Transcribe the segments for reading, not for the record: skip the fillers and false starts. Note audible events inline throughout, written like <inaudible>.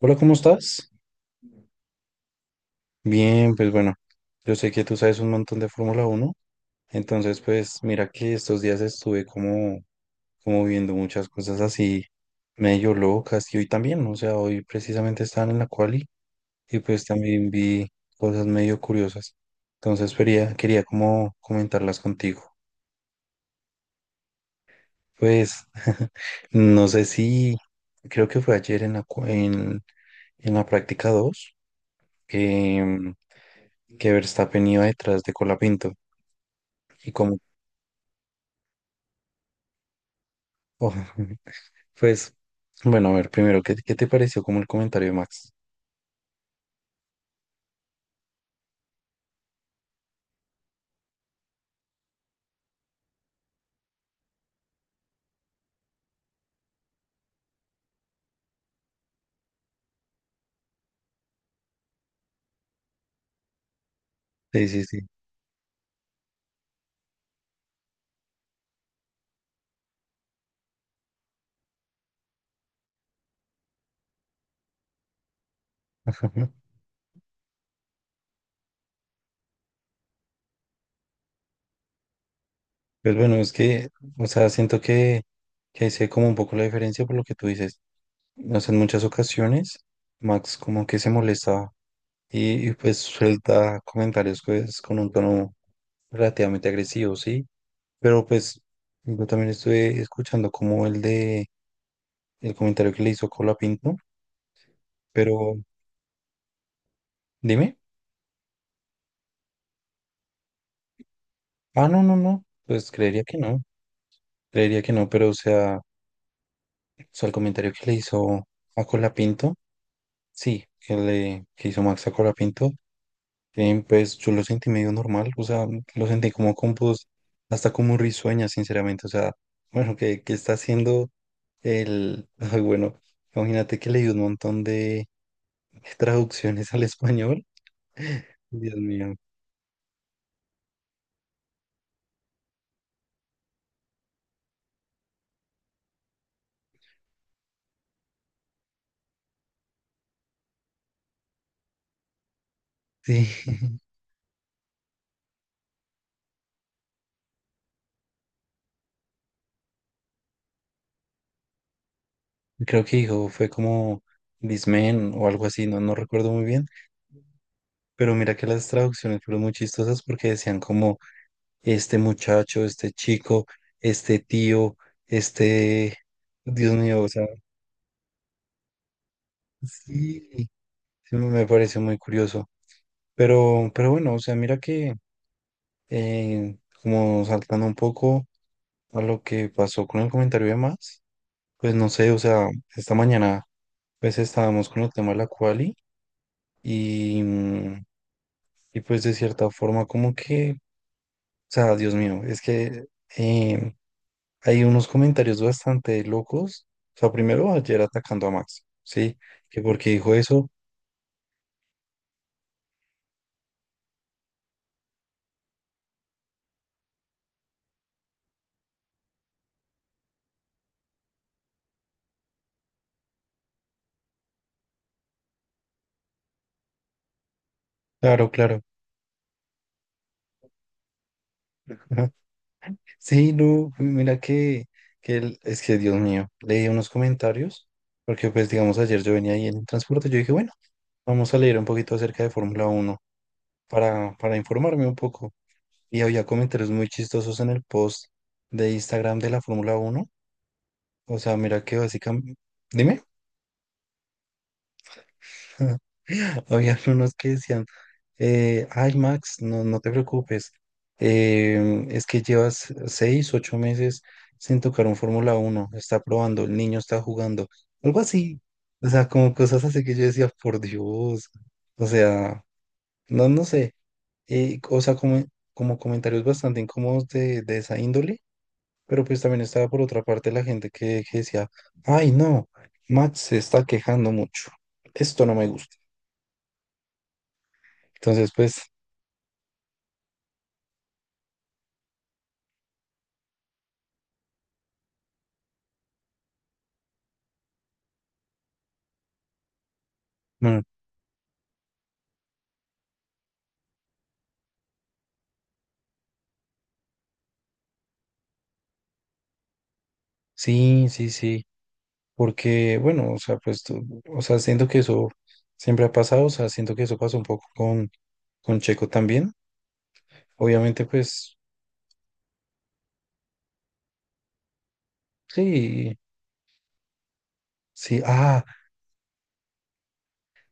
Hola, ¿cómo estás? Bien, pues bueno, yo sé que tú sabes un montón de Fórmula Uno, entonces pues mira que estos días estuve como viendo muchas cosas así medio locas y hoy también, o sea, hoy precisamente estaban en la quali y pues también vi cosas medio curiosas, entonces quería como comentarlas contigo. Pues <laughs> no sé si, creo que fue ayer en la, cua- en la práctica 2 que, que Verstappen iba detrás de Colapinto. Y como, oh, <laughs> pues, bueno, a ver, primero, ¿qué te pareció como el comentario de Max? Sí, sí, sí. <laughs> Pues bueno, es que, o sea, siento que ahí se ve como un poco la diferencia por lo que tú dices. No sé, en muchas ocasiones, Max como que se molesta pues suelta comentarios pues, con un tono relativamente agresivo, ¿sí? Pero pues yo también estuve escuchando como el comentario que le hizo Colapinto, pero dime. Ah, no, no, no, pues creería que no. Creería que no, pero o sea, el comentario que le hizo a Colapinto, sí, que hizo Max a Colapinto, pues yo lo sentí medio normal, o sea, lo sentí como compos, hasta como risueña, sinceramente, o sea, <laughs> bueno, que está haciendo <laughs> ay, bueno, imagínate que leí un montón de traducciones al español, Dios mío, sí, <laughs> creo que dijo, fue como Dismen o algo así, no recuerdo muy bien, pero mira que las traducciones fueron muy chistosas porque decían como este muchacho, este chico, este tío, este, Dios mío, o sea, sí, sí me parece muy curioso. Pero bueno, o sea, mira que como saltando un poco a lo que pasó con el comentario de más, pues no sé, o sea, esta mañana pues estábamos con el tema de la quali y, mm, y pues de cierta forma como que, o sea, Dios mío, es que em, Hay unos comentarios bastante locos. O sea, primero ayer atacando a Max, ¿sí? Que porque dijo eso. Claro, claro. <laughs> Sí, no, mira que él, es que Dios mío, leí unos comentarios, porque pues digamos ayer yo venía ahí en el transporte, yo dije, bueno, vamos a leer un poquito acerca de Fórmula Uno para informarme un poco. Y había comentarios muy chistosos en el post de Instagram de la Fórmula Uno. O sea, mira que básicamente... Dime. <laughs> Habían unos que decían, ay Max, no te preocupes, es que llevas 6, 8 meses sin tocar un Fórmula uno está probando, el niño está jugando, algo así, o sea, como cosas así que yo decía, por Dios, o sea, no, sé, o sea, como comentarios bastante incómodos de esa índole, pero pues también estaba por otra parte la gente que decía, ay no, Max se está quejando mucho, esto no me gusta. Entonces, pues, mm, sí, sí, sí, porque, bueno, o sea, pues, o sea, siento que eso siempre ha pasado, o sea, siento que eso pasó un poco con, Checo también. Obviamente, pues, sí, sí, ah,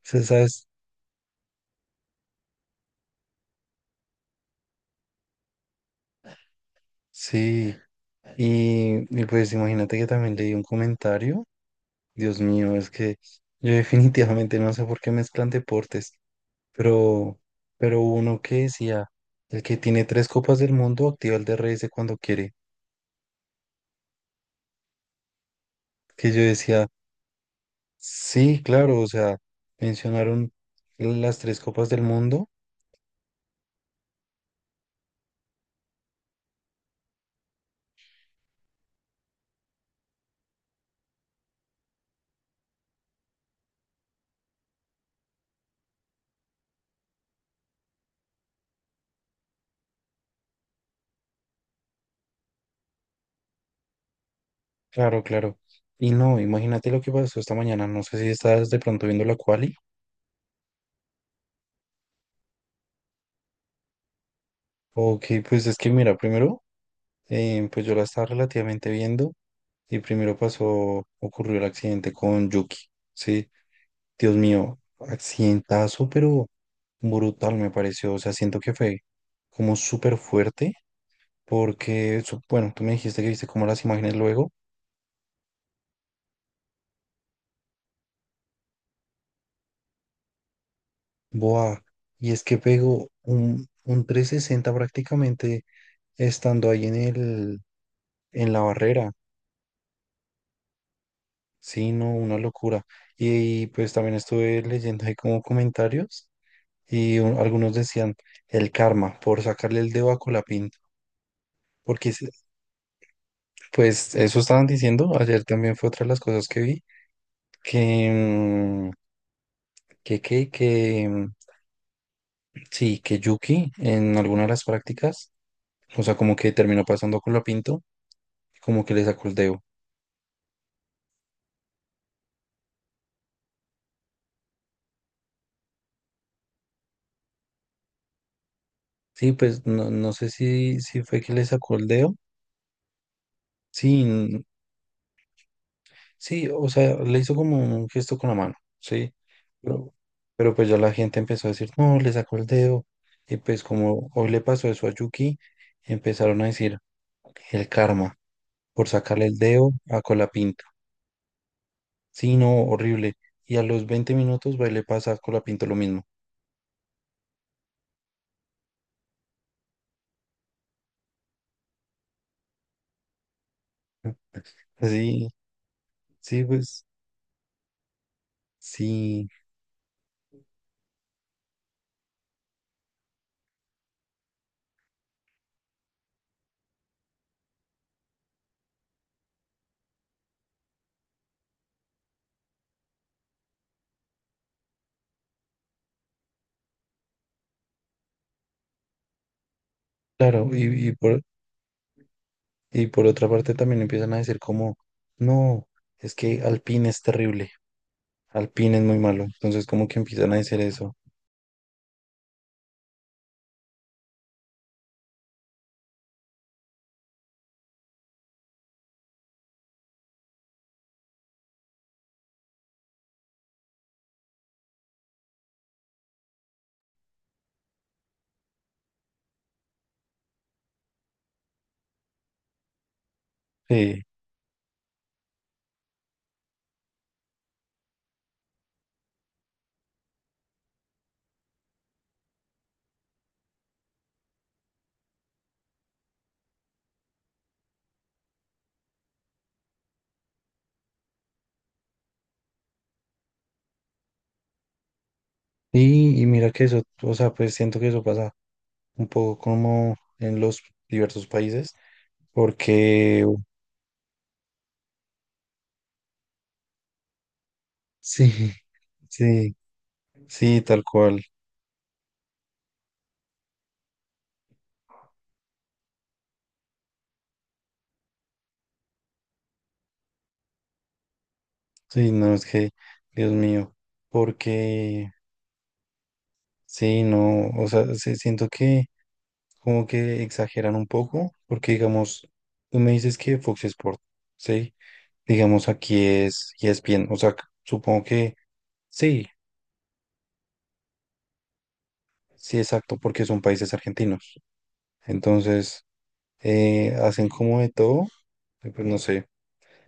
sí, sabes, sí. Y pues imagínate que también leí un comentario. Dios mío, es que yo <laughs> definitivamente no sé por qué mezclan deportes, pero, uno que decía, el que tiene tres copas del mundo activa el DRS cuando quiere. Que yo decía, Sí, claro, o sea, mencionaron las tres copas del mundo. Claro, claro. Y no, imagínate lo que pasó esta mañana. No sé si estás de pronto viendo la quali. O que pues es que mira, primero, pues yo la estaba relativamente viendo y primero ocurrió el accidente con Yuki. Sí, Dios mío, accidentazo, pero brutal me pareció. O sea, siento que fue como súper fuerte porque, bueno, tú me dijiste que viste como las imágenes luego. Buah, y es que pegó un, 360 prácticamente estando ahí en el, en la barrera. Sí, no, una locura. Y, pues también estuve leyendo ahí como comentarios y algunos decían el karma por sacarle el dedo a Colapinto. Porque pues eso estaban diciendo, ayer también fue otra de las cosas que vi, que, mm, que, mm, sí, que Yuki en alguna de las prácticas, o sea, como que terminó pasando a Colapinto, como que le sacó el dedo. Sí, pues no, sé si, fue que le sacó el dedo. Sí, sí, o sea, le hizo como un gesto con la mano, sí. Pero, pero pues ya la gente empezó a decir, no, le sacó el dedo. Y pues como hoy le pasó eso a Yuki, empezaron a decir el karma por sacarle el dedo a Colapinto. Sí, no, horrible. Y a los 20 minutos va y le pasa a Colapinto lo mismo. Sí, sí, pues sí, claro. Y por otra parte también empiezan a decir como, no, es que Alpine es terrible, Alpine es muy malo. Entonces como que empiezan a decir eso. Sí. Y mira que eso, o sea, pues siento que eso pasa un poco como en los diversos países, porque sí, sí, sí, tal cual. Sí, no, es que, Dios mío, porque sí, no, o sea, sí, siento que como que exageran un poco, porque digamos, tú me dices que Fox Sports, ¿sí? Digamos, aquí es y es bien, o sea, supongo que sí, sí, exacto, porque son países argentinos. Entonces, hacen como de todo, pues no sé,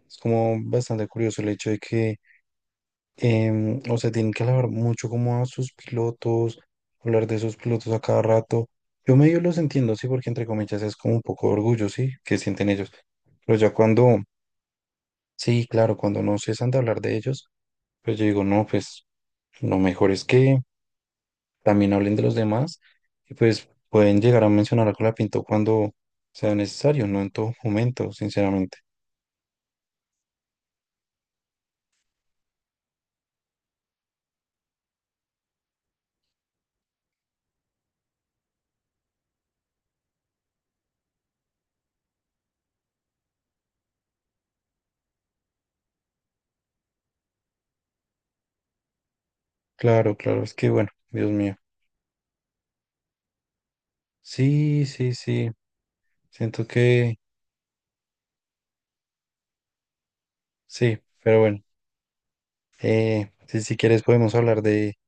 es como bastante curioso el hecho de que, o sea, tienen que hablar mucho como a sus pilotos, hablar de sus pilotos a cada rato. Yo medio los entiendo, sí, porque entre comillas es como un poco de orgullo, sí, que sienten ellos. Pero ya cuando, sí, claro, cuando no cesan de hablar de ellos, pues yo digo, no, pues lo mejor es que también hablen de los demás y pues pueden llegar a mencionar a Colapinto cuando sea necesario, no en todo momento, sinceramente. Claro, claro, es que bueno, Dios mío. Sí, sí, sí, siento que sí, pero bueno, si, quieres podemos hablar de,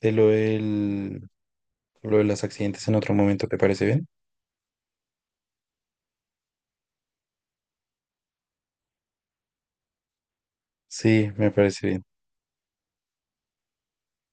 de lo lo de los accidentes en otro momento, ¿te parece bien? Sí, me parece bien.